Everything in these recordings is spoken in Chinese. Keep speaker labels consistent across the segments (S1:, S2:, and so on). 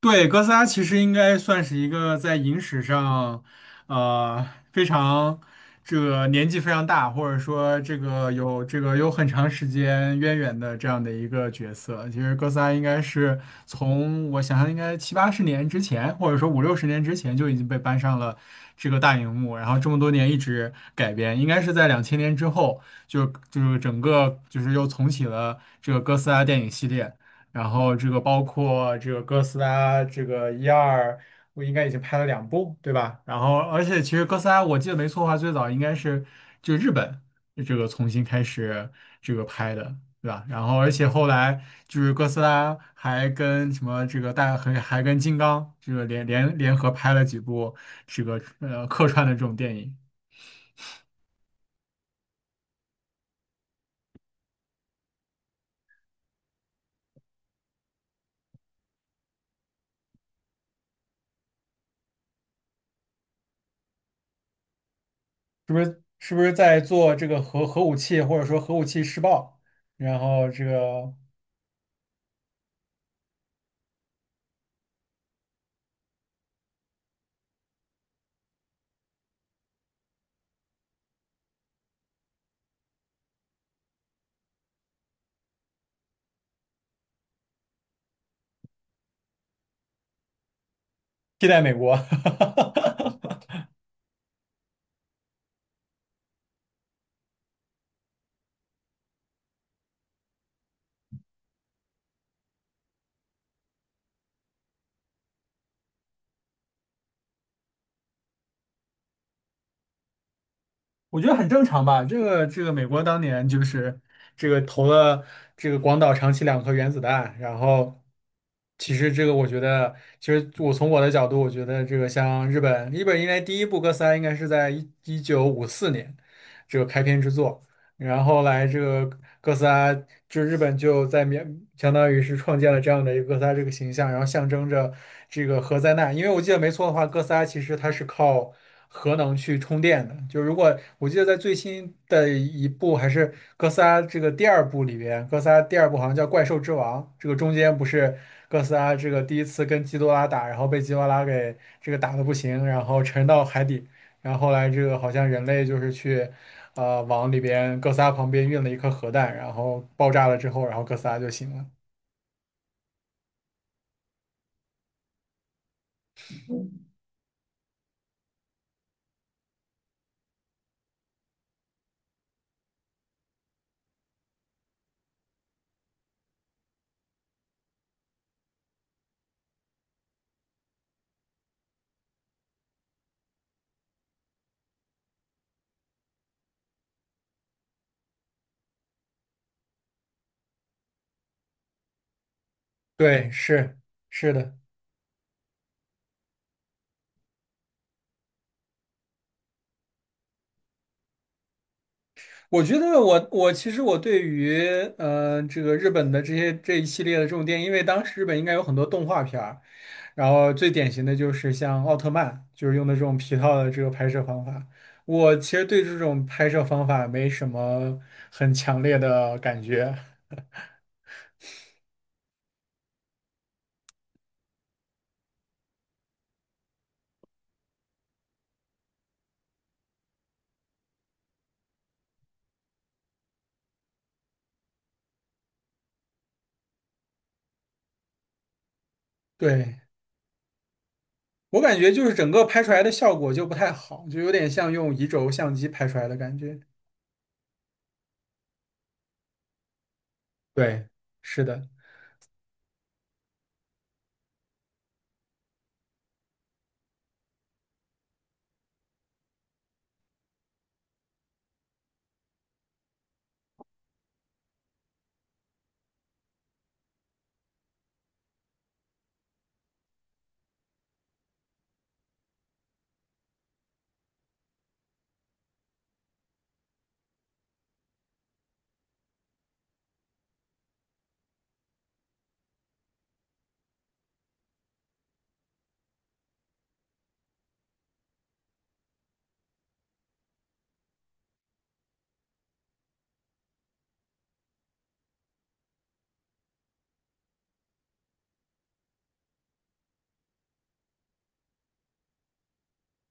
S1: 对，哥斯拉其实应该算是一个在影史上，呃，非常这个年纪非常大，或者说这个有很长时间渊源的这样的一个角色。其实哥斯拉应该是从我想象应该七八十年之前，或者说五六十年之前就已经被搬上了这个大荧幕，然后这么多年一直改编，应该是在两千年之后就是整个就是又重启了这个哥斯拉电影系列。然后这个包括这个哥斯拉，这个一二，我应该已经拍了两部，对吧？然后而且其实哥斯拉，我记得没错的话，最早应该是就日本这个重新开始这个拍的，对吧？然后而且后来就是哥斯拉还跟什么这个还跟金刚这个联合拍了几部这个客串的这种电影，是不是？是不是在做这个核武器，或者说核武器试爆？然后这个替代美国。我觉得很正常吧。这个，美国当年就是这个投了这个广岛、长崎两颗原子弹，然后其实这个我觉得，其实我从我的角度，我觉得这个像日本，日本应该第一部哥斯拉应该是在一九五四年这个开篇之作然后来这个哥斯拉，就日本就在描，相当于是创建了这样的一个哥斯拉这个形象，然后象征着这个核灾难。因为我记得没错的话，哥斯拉其实它是靠核能去充电的。就如果我记得在最新的一部还是哥斯拉这个第二部里边，哥斯拉第二部好像叫《怪兽之王》，这个中间不是哥斯拉这个第一次跟基多拉打，然后被基多拉给这个打的不行，然后沉到海底。然后后来这个好像人类就是去。往里边哥斯拉旁边运了一颗核弹，然后爆炸了之后，然后哥斯拉就醒了。对，是的，我觉得我其实我对于这个日本的这些这一系列的这种电影，因为当时日本应该有很多动画片儿，然后最典型的就是像奥特曼，就是用的这种皮套的这个拍摄方法。我其实对这种拍摄方法没什么很强烈的感觉，对 我感觉就是整个拍出来的效果就不太好，就有点像用移轴相机拍出来的感觉。对，是的，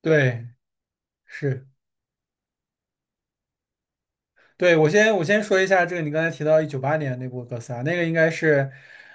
S1: 对，是。对，我先说一下这个，你刚才提到一九八年那部哥斯拉，那个应该是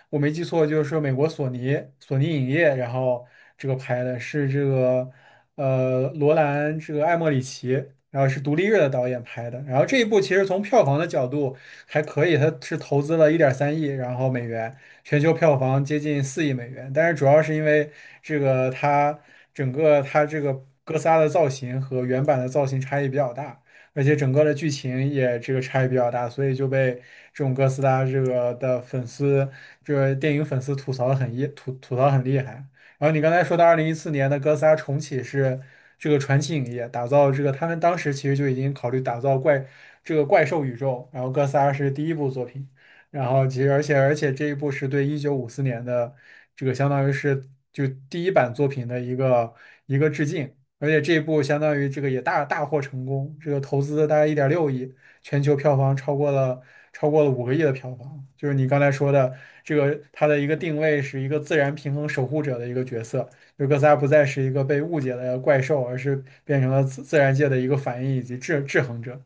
S1: 我没记错，就是说美国索尼影业，然后这个拍的是这个罗兰这个艾莫里奇，然后是独立日的导演拍的，然后这一部其实从票房的角度还可以，它是投资了1.3亿然后美元，全球票房接近4亿美元，但是主要是因为这个它整个它这个哥斯拉的造型和原版的造型差异比较大。而且整个的剧情也这个差异比较大，所以就被这种哥斯拉这个的粉丝，这个电影粉丝吐槽很厉害。然后你刚才说的2014年的哥斯拉重启是这个传奇影业打造这个，他们当时其实就已经考虑打造这个怪兽宇宙，然后哥斯拉是第一部作品，然后其实而且这一部是对一九五四年的这个相当于是就第一版作品的一个致敬，而且这一部相当于这个也大大获成功，这个投资大概1.6亿，全球票房超过了五个亿的票房。就是你刚才说的，这个它的一个定位是一个自然平衡守护者的一个角色，就哥斯拉不再是一个被误解的怪兽，而是变成了自然界的一个反应以及制衡者。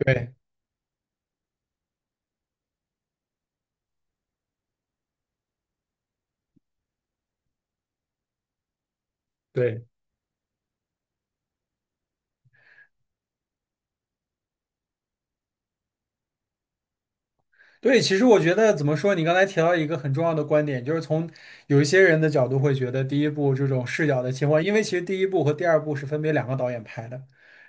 S1: 对。对。对，其实我觉得怎么说，你刚才提到一个很重要的观点，就是从有一些人的角度会觉得第一部这种视角的情况，因为其实第一部和第二部是分别两个导演拍的，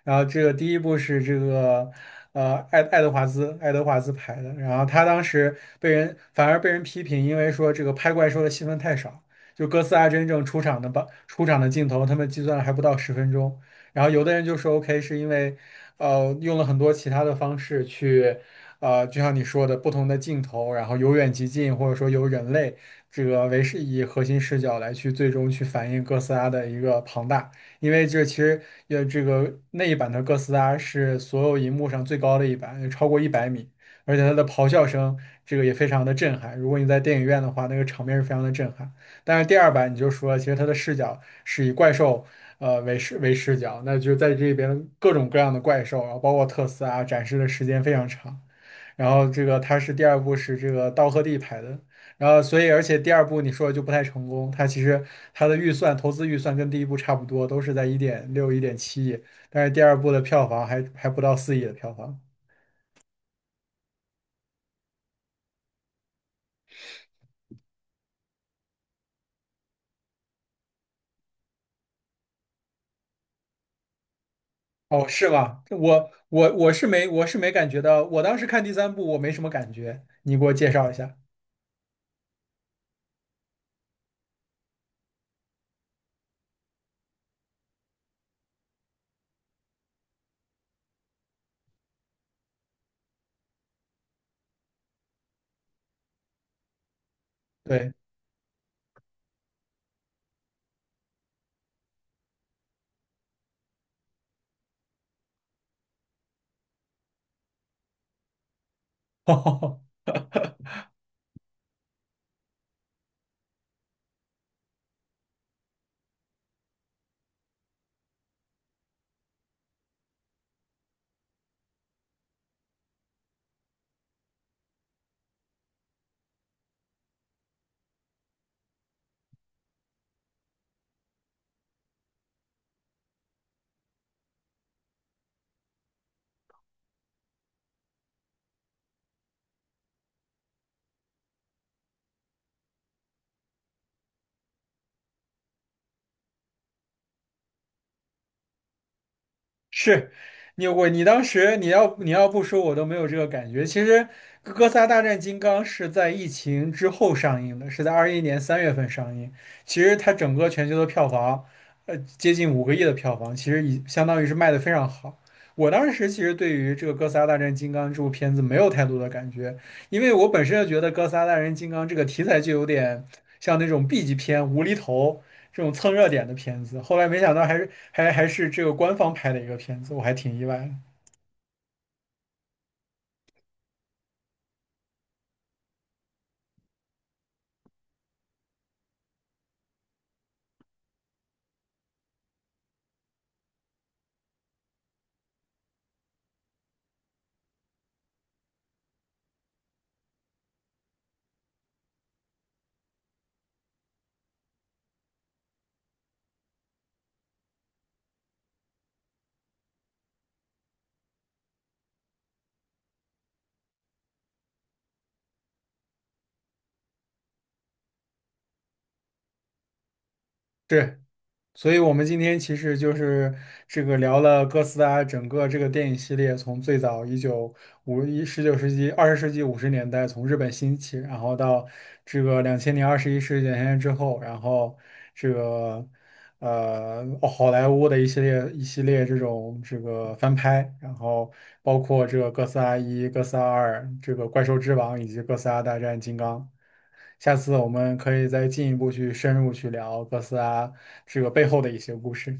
S1: 然后这个第一部是这个爱德华兹拍的，然后他当时被人反而被人批评，因为说这个拍怪兽的戏份太少，就哥斯拉真正出场的镜头，他们计算了还不到10分钟，然后有的人就说 OK 是因为。用了很多其他的方式去就像你说的，不同的镜头，然后由远及近，或者说由人类这个为是以核心视角来去最终去反映哥斯拉的一个庞大。因为这其实这个那一版的哥斯拉是所有银幕上最高的一版，超过100米，而且它的咆哮声这个也非常的震撼。如果你在电影院的话，那个场面是非常的震撼。但是第二版你就说了，其实它的视角是以怪兽。为视角，那就在这边各种各样的怪兽，然后包括特斯拉展示的时间非常长。然后这个他是第二部是这个道贺地拍的，然后所以而且第二部你说的就不太成功，他其实他的投资预算跟第一部差不多，都是在1.6、1.7亿，但是第二部的票房还不到四亿的票房。哦，是吗？这我是没感觉到，我当时看第三部我没什么感觉，你给我介绍一下。对，是你当时你要不说我都没有这个感觉。其实《哥斯拉大战金刚》是在疫情之后上映的，是在2021年3月份上映。其实它整个全球的票房，接近五个亿的票房，其实已相当于是卖的非常好。我当时其实对于这个《哥斯拉大战金刚》这部片子没有太多的感觉，因为我本身就觉得《哥斯拉大战金刚》这个题材就有点像那种 B 级片无厘头，这种蹭热点的片子。后来没想到还是这个官方拍的一个片子，我还挺意外的。对。所以我们今天其实就是这个聊了哥斯拉整个这个电影系列，从最早一九五一十九世纪20世纪50年代从日本兴起，然后到这个两千年21世纪两千年之后，然后这个哦好莱坞的一系列这种这个翻拍，然后包括这个哥斯拉1、哥斯拉2、这个怪兽之王以及哥斯拉大战金刚。下次我们可以再进一步去深入去聊哥斯拉这个背后的一些故事。